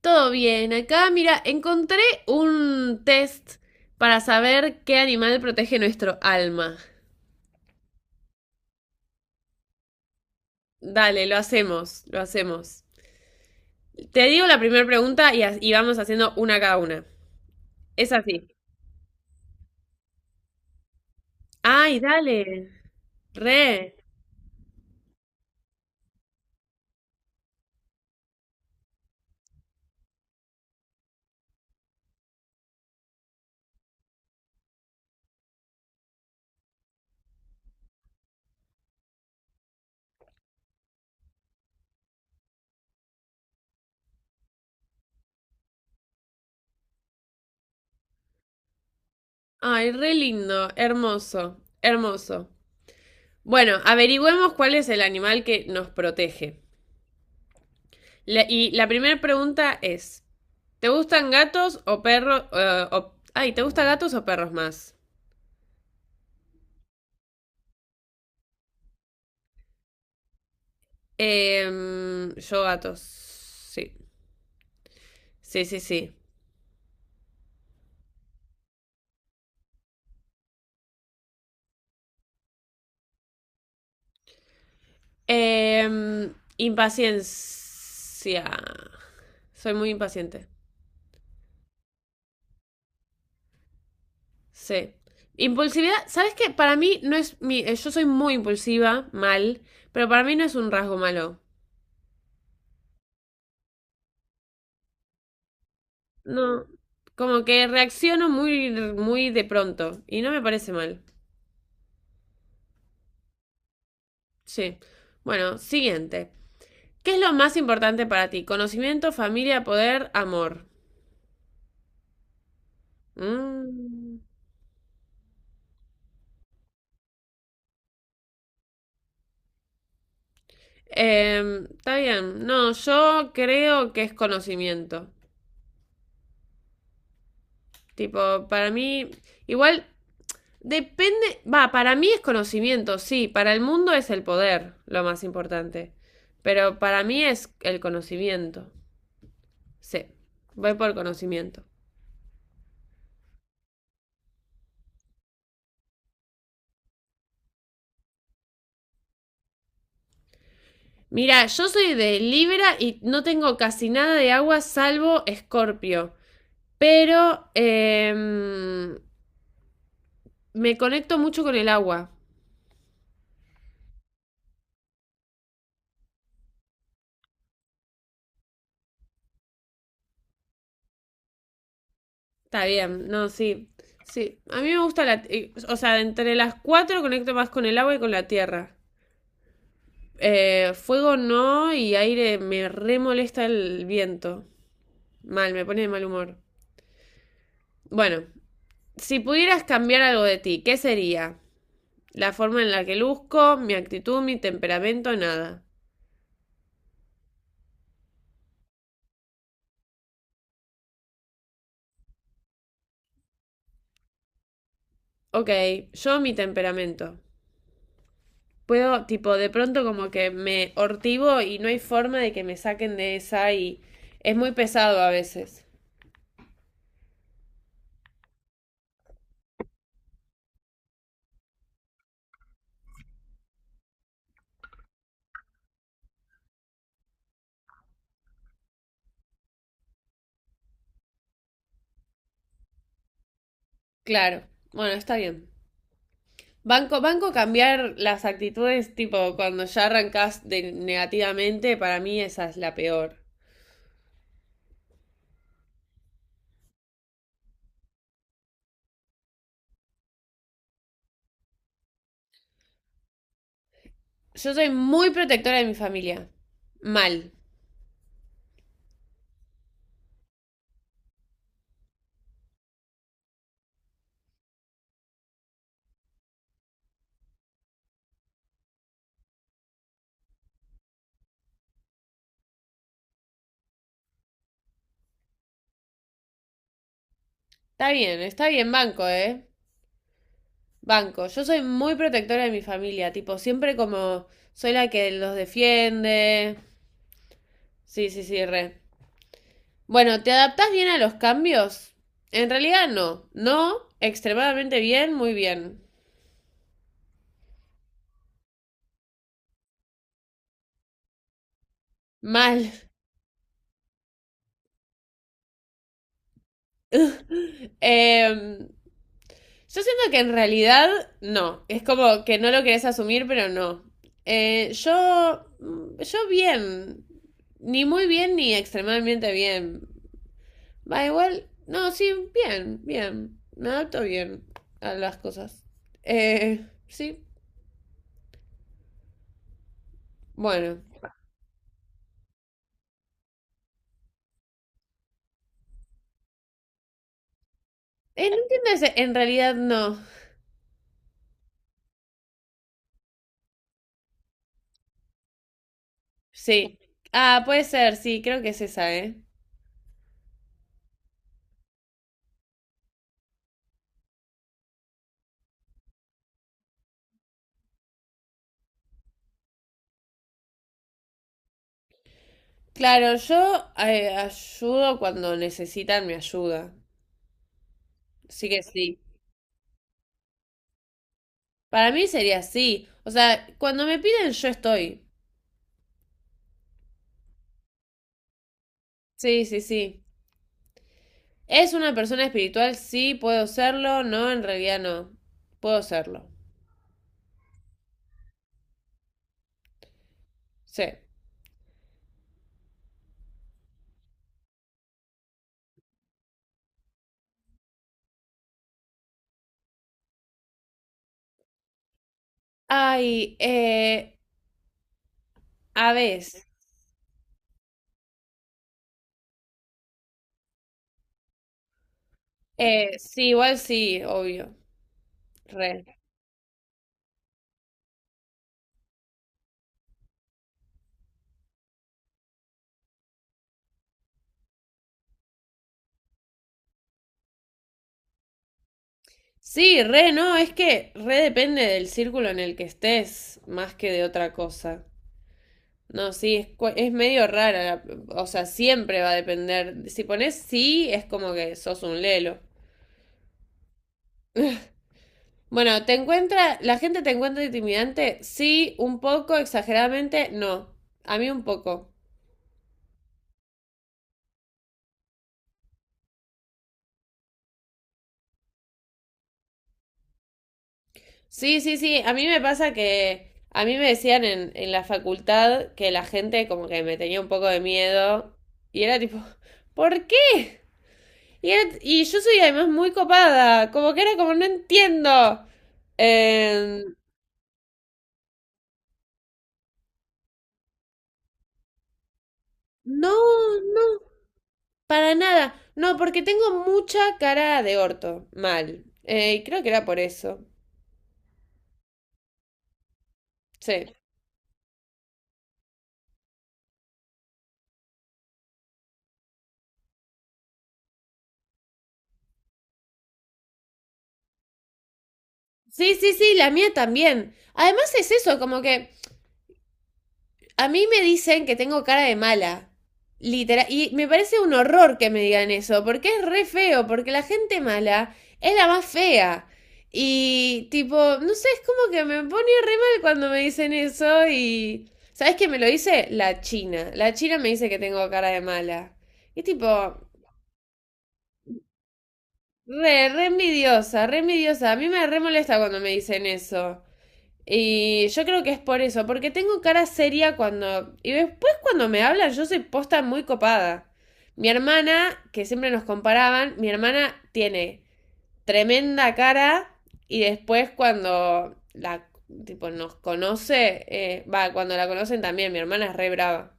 Todo bien, acá mira, encontré un test para saber qué animal protege nuestro alma. Dale, lo hacemos, lo hacemos. Te digo la primera pregunta y vamos haciendo una cada una. Es así. Ay, dale. Re. Ay, re lindo, hermoso, hermoso. Bueno, averigüemos cuál es el animal que nos protege. Y la primera pregunta es, ¿te gustan gatos o perros? ¿Te gustan gatos o perros más? Yo gatos. Sí. Sí, sí, sí. Impaciencia. Soy muy impaciente. Sí. Impulsividad, ¿sabes qué? Para mí no es mi. Yo soy muy impulsiva, mal, pero para mí no es un rasgo malo. No. Como que reacciono muy, muy de pronto y no me parece mal. Sí. Bueno, siguiente. ¿Qué es lo más importante para ti? Conocimiento, familia, poder, amor. Mm. Está bien. No, yo creo que es conocimiento. Tipo, para mí, igual depende. Va, para mí es conocimiento, sí. Para el mundo es el poder, lo más importante. Pero para mí es el conocimiento. Sí, voy por conocimiento. Mira, yo soy de Libra y no tengo casi nada de agua salvo Escorpio. Pero me conecto mucho con el agua. Está bien, no, sí. Sí, a mí me gusta o sea, entre las cuatro conecto más con el agua y con la tierra. Fuego no y aire me re molesta el viento. Mal, me pone de mal humor. Bueno, si pudieras cambiar algo de ti, ¿qué sería? La forma en la que luzco, mi actitud, mi temperamento, nada. Ok, yo mi temperamento. Puedo, tipo, de pronto como que me hortivo y no hay forma de que me saquen de esa y es muy pesado a veces. Claro, bueno, está bien. Banco, banco cambiar las actitudes, tipo, cuando ya arrancas de negativamente, para mí esa es la peor. Yo soy muy protectora de mi familia. Mal. Está bien, banco, ¿eh? Banco. Yo soy muy protectora de mi familia, tipo, siempre como soy la que los defiende. Sí, sí, sí, re. Bueno, ¿te adaptás bien a los cambios? En realidad no. No, extremadamente bien, muy bien. Mal. Em, Yo siento que en realidad no. Es como que no lo querés asumir, pero no. Eh, yo, yo bien. Ni muy bien ni extremadamente bien. Va igual. No, sí, bien, bien. Me adapto bien a las cosas. Sí, bueno. No entiendo ese. En realidad no. Sí. Ah, puede ser, sí, creo que es esa, ¿eh? Claro, yo ayudo cuando necesitan mi ayuda. Sí que sí. Para mí sería así. O sea, cuando me piden, yo estoy. Sí, sí, sí. ¿Es una persona espiritual? Sí, puedo serlo. No, en realidad no. Puedo serlo. Sí. Ay, a veces. Sí, igual sí, obvio. Re. Sí, re, no, es que re depende del círculo en el que estés, más que de otra cosa. No, sí, es, es medio rara, o sea, siempre va a depender. Si pones sí, es como que sos un lelo. Bueno, ¿la gente te encuentra intimidante? Sí, un poco, exageradamente, no. A mí un poco. Sí, sí, sí, a mí me pasa que a mí me decían en la facultad que la gente como que me tenía un poco de miedo y era tipo, ¿por qué? Y yo soy además muy copada, como que era como, no entiendo. Eh, no, no, para nada. No, porque tengo mucha cara de orto, mal. Y creo que era por eso. Sí. Sí, sí, sí, la mía también. Además es eso, como que a mí me dicen que tengo cara de mala. Literal. Y me parece un horror que me digan eso, porque es re feo, porque la gente mala es la más fea. Y tipo, no sé, es como que me pone re mal cuando me dicen eso y... ¿Sabes qué me lo dice? La China. La China me dice que tengo cara de mala. Y tipo, re, re envidiosa, re envidiosa. A mí me re molesta cuando me dicen eso. Y yo creo que es por eso, porque tengo cara seria cuando... Y después cuando me hablan yo soy posta muy copada. Mi hermana, que siempre nos comparaban, mi hermana tiene tremenda cara y después cuando la tipo nos conoce, cuando la conocen también, mi hermana es re brava.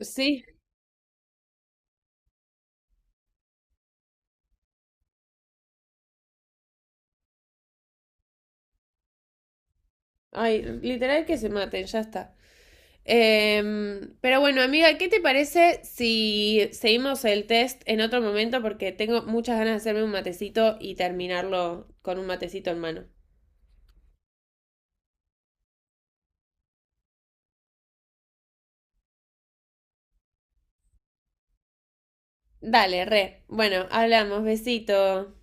Sí, ay, literal que se maten, ya está. Pero bueno, amiga, ¿qué te parece si seguimos el test en otro momento? Porque tengo muchas ganas de hacerme un matecito y terminarlo con un matecito en mano. Dale, re. Bueno, hablamos, besito.